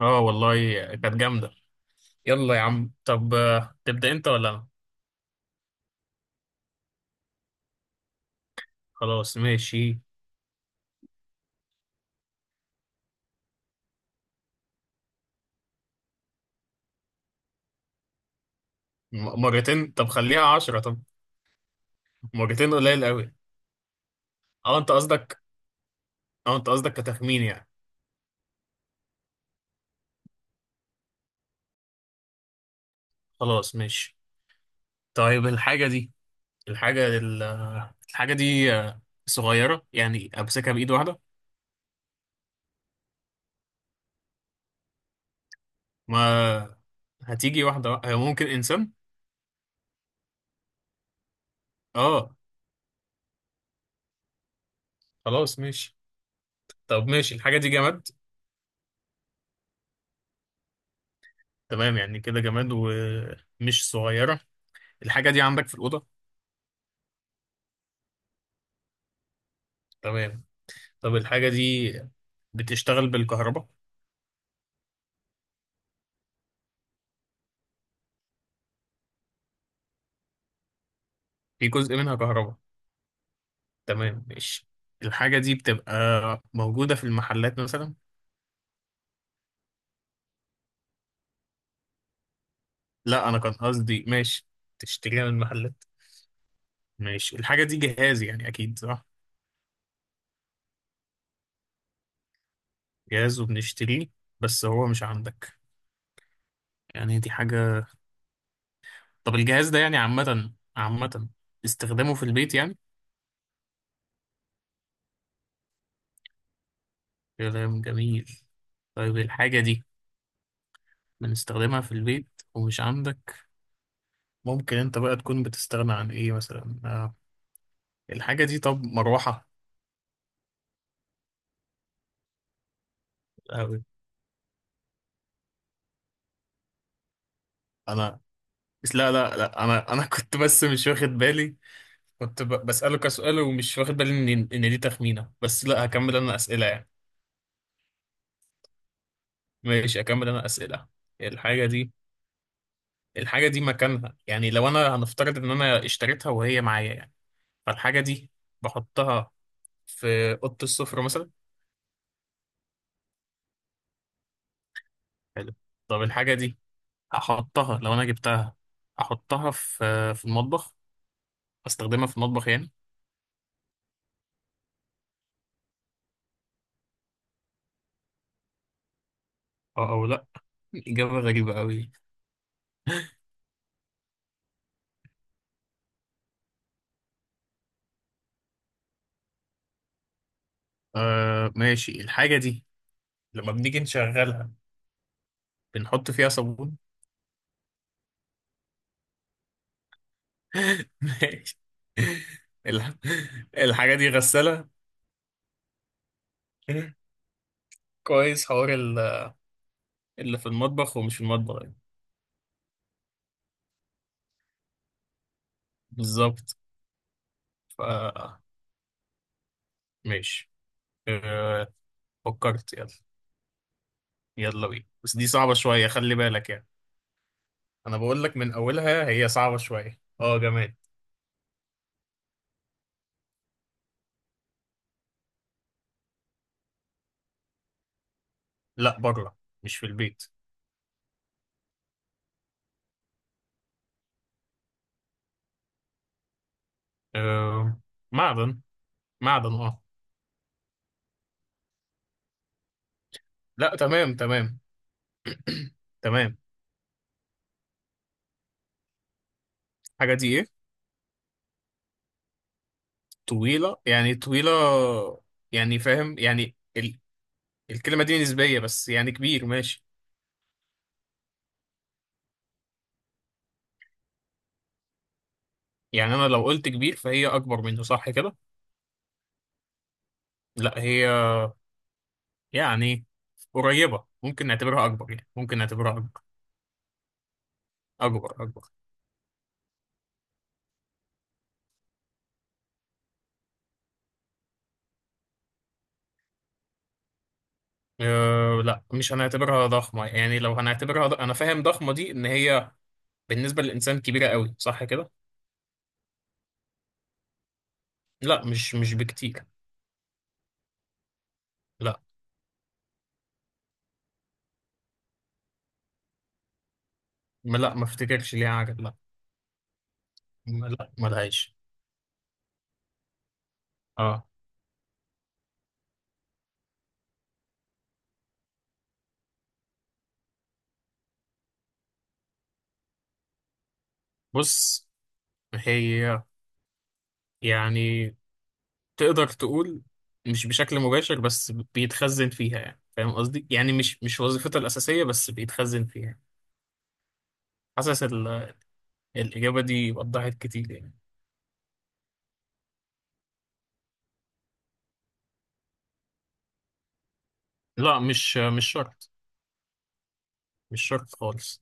اه والله، كانت جامدة. يلا يا عم، طب تبدأ انت ولا انا؟ خلاص ماشي. مرتين؟ طب خليها عشرة، طب. مرتين قليل قوي. اه انت قصدك اه انت قصدك كتخمين يعني. خلاص ماشي. طيب، الحاجة ال- الحاجة دي صغيرة، يعني امسكها بإيد واحدة. ما هتيجي واحدة، هي ممكن انسان. اه، خلاص ماشي. طب ماشي، الحاجة دي جماد. تمام، يعني كده جماد ومش صغيرة. الحاجة دي عندك في الأوضة؟ تمام. طب الحاجة دي بتشتغل بالكهرباء؟ في جزء منها كهرباء. تمام ماشي. الحاجة دي بتبقى موجودة في المحلات مثلا؟ لا، أنا كان قصدي ماشي تشتريها من المحلات. ماشي. الحاجة دي جهاز يعني، أكيد صح. جهاز وبنشتريه، بس هو مش عندك، يعني دي حاجة. طب الجهاز ده يعني عامة عامة استخدامه في البيت يعني. كلام جميل. طيب الحاجة دي بنستخدمها في البيت ومش عندك، ممكن انت بقى تكون بتستغنى عن ايه مثلا، الحاجة دي، طب مروحة؟ أوي. انا بس لا، لا، لا، انا كنت بس مش واخد بالي. كنت بسأله كسؤال، ومش واخد بالي ان دي تخمينة، بس لا هكمل انا أسئلة يعني. ماشي هكمل انا أسئلة. الحاجة دي الحاجة دي مكانها، يعني لو انا هنفترض ان انا اشتريتها وهي معايا يعني، فالحاجة دي بحطها في أوضة السفرة مثلا. حلو. طب الحاجة دي هحطها لو انا جبتها، احطها في المطبخ؟ استخدمها في المطبخ يعني. اه او لا، إجابة غريبة قوي. آه ماشي. الحاجة دي لما بنيجي نشغلها بنحط فيها صابون. ماشي. الح- الحاجة دي غسالة. كويس، حوار اللي في المطبخ ومش في المطبخ يعني. بالظبط. ف ماشي. آه، فكرت؟ يلا. يلا بينا، بس دي صعبة شوية، خلي بالك يعني. أنا بقول لك من أولها هي صعبة شوية. اه جماد. لا، بره، مش في البيت. آه، معدن. معدن اه. لا، تمام تمام. تمام. الحاجة دي إيه؟ طويلة يعني طويلة. يعني فاهم يعني الكلمة دي نسبية، بس يعني كبير ماشي. يعني أنا لو قلت كبير فهي أكبر منه صح كده؟ لا، هي يعني قريبة، ممكن نعتبرها أكبر، يعني ممكن نعتبرها أكبر. أكبر أكبر. أه لا، مش هنعتبرها ضخمة، يعني لو هنعتبرها أنا فاهم ضخمة دي إن هي بالنسبة للإنسان كبيرة قوي صح كده؟ لا، مش بكتير. لا، ما لا، ما افتكرش ليها عجل، لا. ما لا، ما لهاش. اه بص، هي يعني تقدر تقول مش بشكل مباشر، بس بيتخزن فيها، يعني فاهم قصدي، يعني مش وظيفته الأساسية بس بيتخزن فيها. حاسس الإجابة دي وضحت كتير يعني. لا، مش شرط. مش شرط خالص.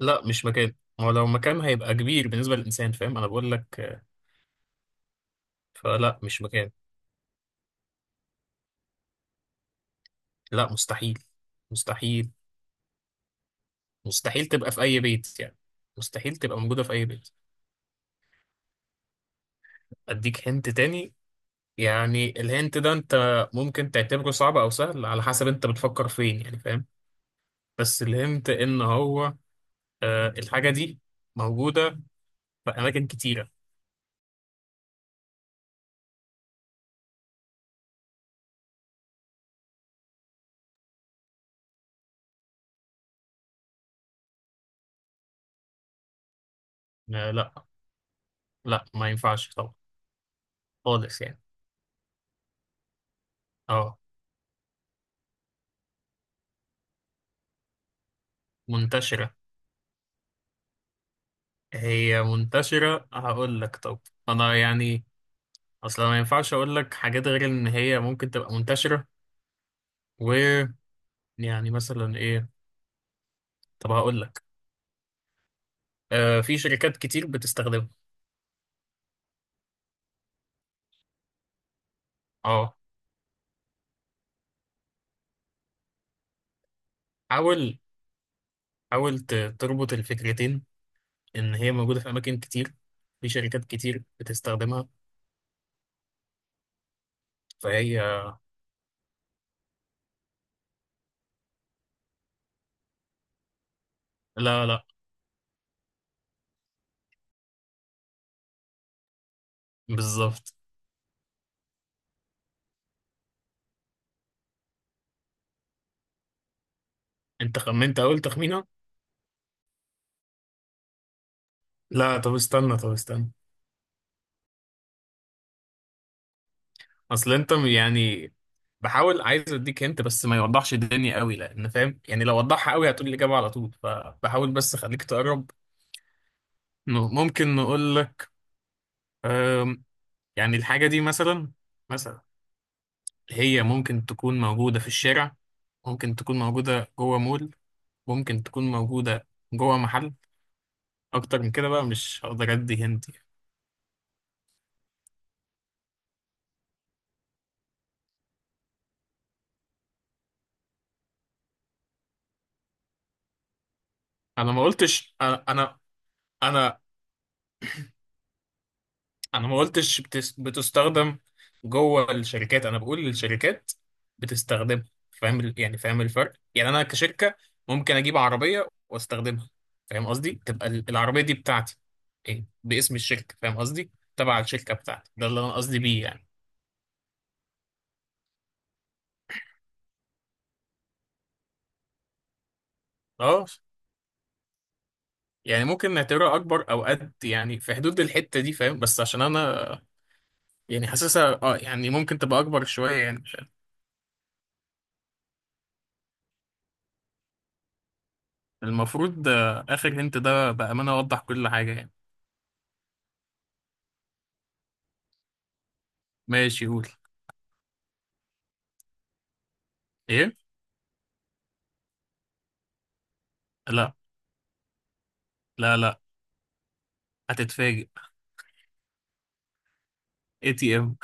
لا، مش مكان. هو لو مكان هيبقى كبير بالنسبة للإنسان، فاهم أنا بقول لك. فلا مش مكان. لا مستحيل. مستحيل مستحيل تبقى في أي بيت يعني. مستحيل تبقى موجودة في أي بيت. أديك هنت تاني. يعني الهنت ده انت ممكن تعتبره صعب او سهل على حسب انت بتفكر فين، يعني فاهم. بس الهنت ان هو، الحاجة دي موجودة في اماكن كتيرة. آه لا، لا ما ينفعش طبعا، خالص يعني. اه منتشرة. هي منتشرة، هقول لك طب. انا يعني اصلا ما ينفعش اقول لك حاجات غير ان هي ممكن تبقى منتشرة، و يعني مثلا ايه؟ طب هقول لك، في شركات كتير بتستخدمها. اه حاول، حاول تربط الفكرتين، ان هي موجوده في اماكن كتير، في شركات كتير بتستخدمها، فهي لا لا. بالظبط. انت خمنت اول تخمينه. لا طب استنى، طب استنى. اصل انت يعني بحاول عايز اديك هنت، بس ما يوضحش الدنيا قوي، لان فاهم يعني لو وضحها قوي هتقول الاجابه على طول، فبحاول بس اخليك تقرب. ممكن نقول، أم، يعني الحاجه دي مثلا هي ممكن تكون موجوده في الشارع، ممكن تكون موجوده جوه مول، ممكن تكون موجوده جوه محل. اكتر من كده بقى مش هقدر ادي هنت يعني. انا ما قلتش. انا انا انا أنا ما قلتش بتستخدم جوه الشركات. انا بقول للشركات بتستخدمها، فاهم يعني فاهم الفرق، يعني انا كشركة ممكن اجيب عربية واستخدمها، فاهم قصدي، تبقى العربية دي بتاعتي، إيه؟ باسم الشركة، فاهم قصدي تبع الشركة بتاعتي ده اللي انا قصدي بيه يعني. اه، يعني ممكن نعتبرها اكبر او قد، يعني في حدود الحتة دي فاهم، بس عشان انا يعني حاسسها اه يعني ممكن تبقى اكبر شوية يعني. المفروض، آخر هنت ده بأمانة أوضح كل حاجة يعني. ماشي قول. إيه؟ لا لا لا، هتتفاجئ. ATM.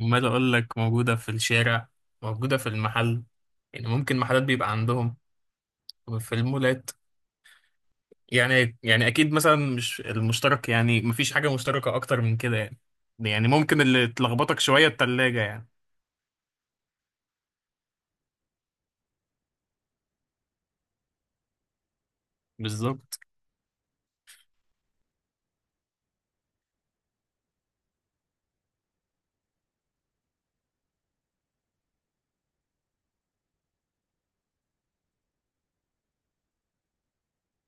أمال أقول لك موجودة في الشارع، موجودة في المحل، يعني ممكن محلات بيبقى عندهم، في المولات يعني أكيد مثلا مش المشترك، يعني مفيش حاجة مشتركة أكتر من كده يعني. يعني ممكن اللي تلخبطك شوية التلاجة يعني. بالظبط.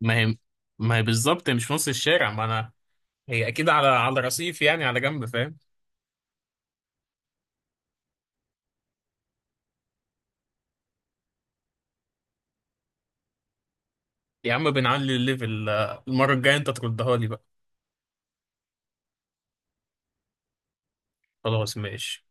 ما هي ما هي بالظبط، هي مش في نص الشارع، ما أنا هي أكيد على رصيف، يعني على جنب فاهم. يا عم بنعلي الليفل، المرة الجاية انت تردها لي بقى. خلاص ماشي.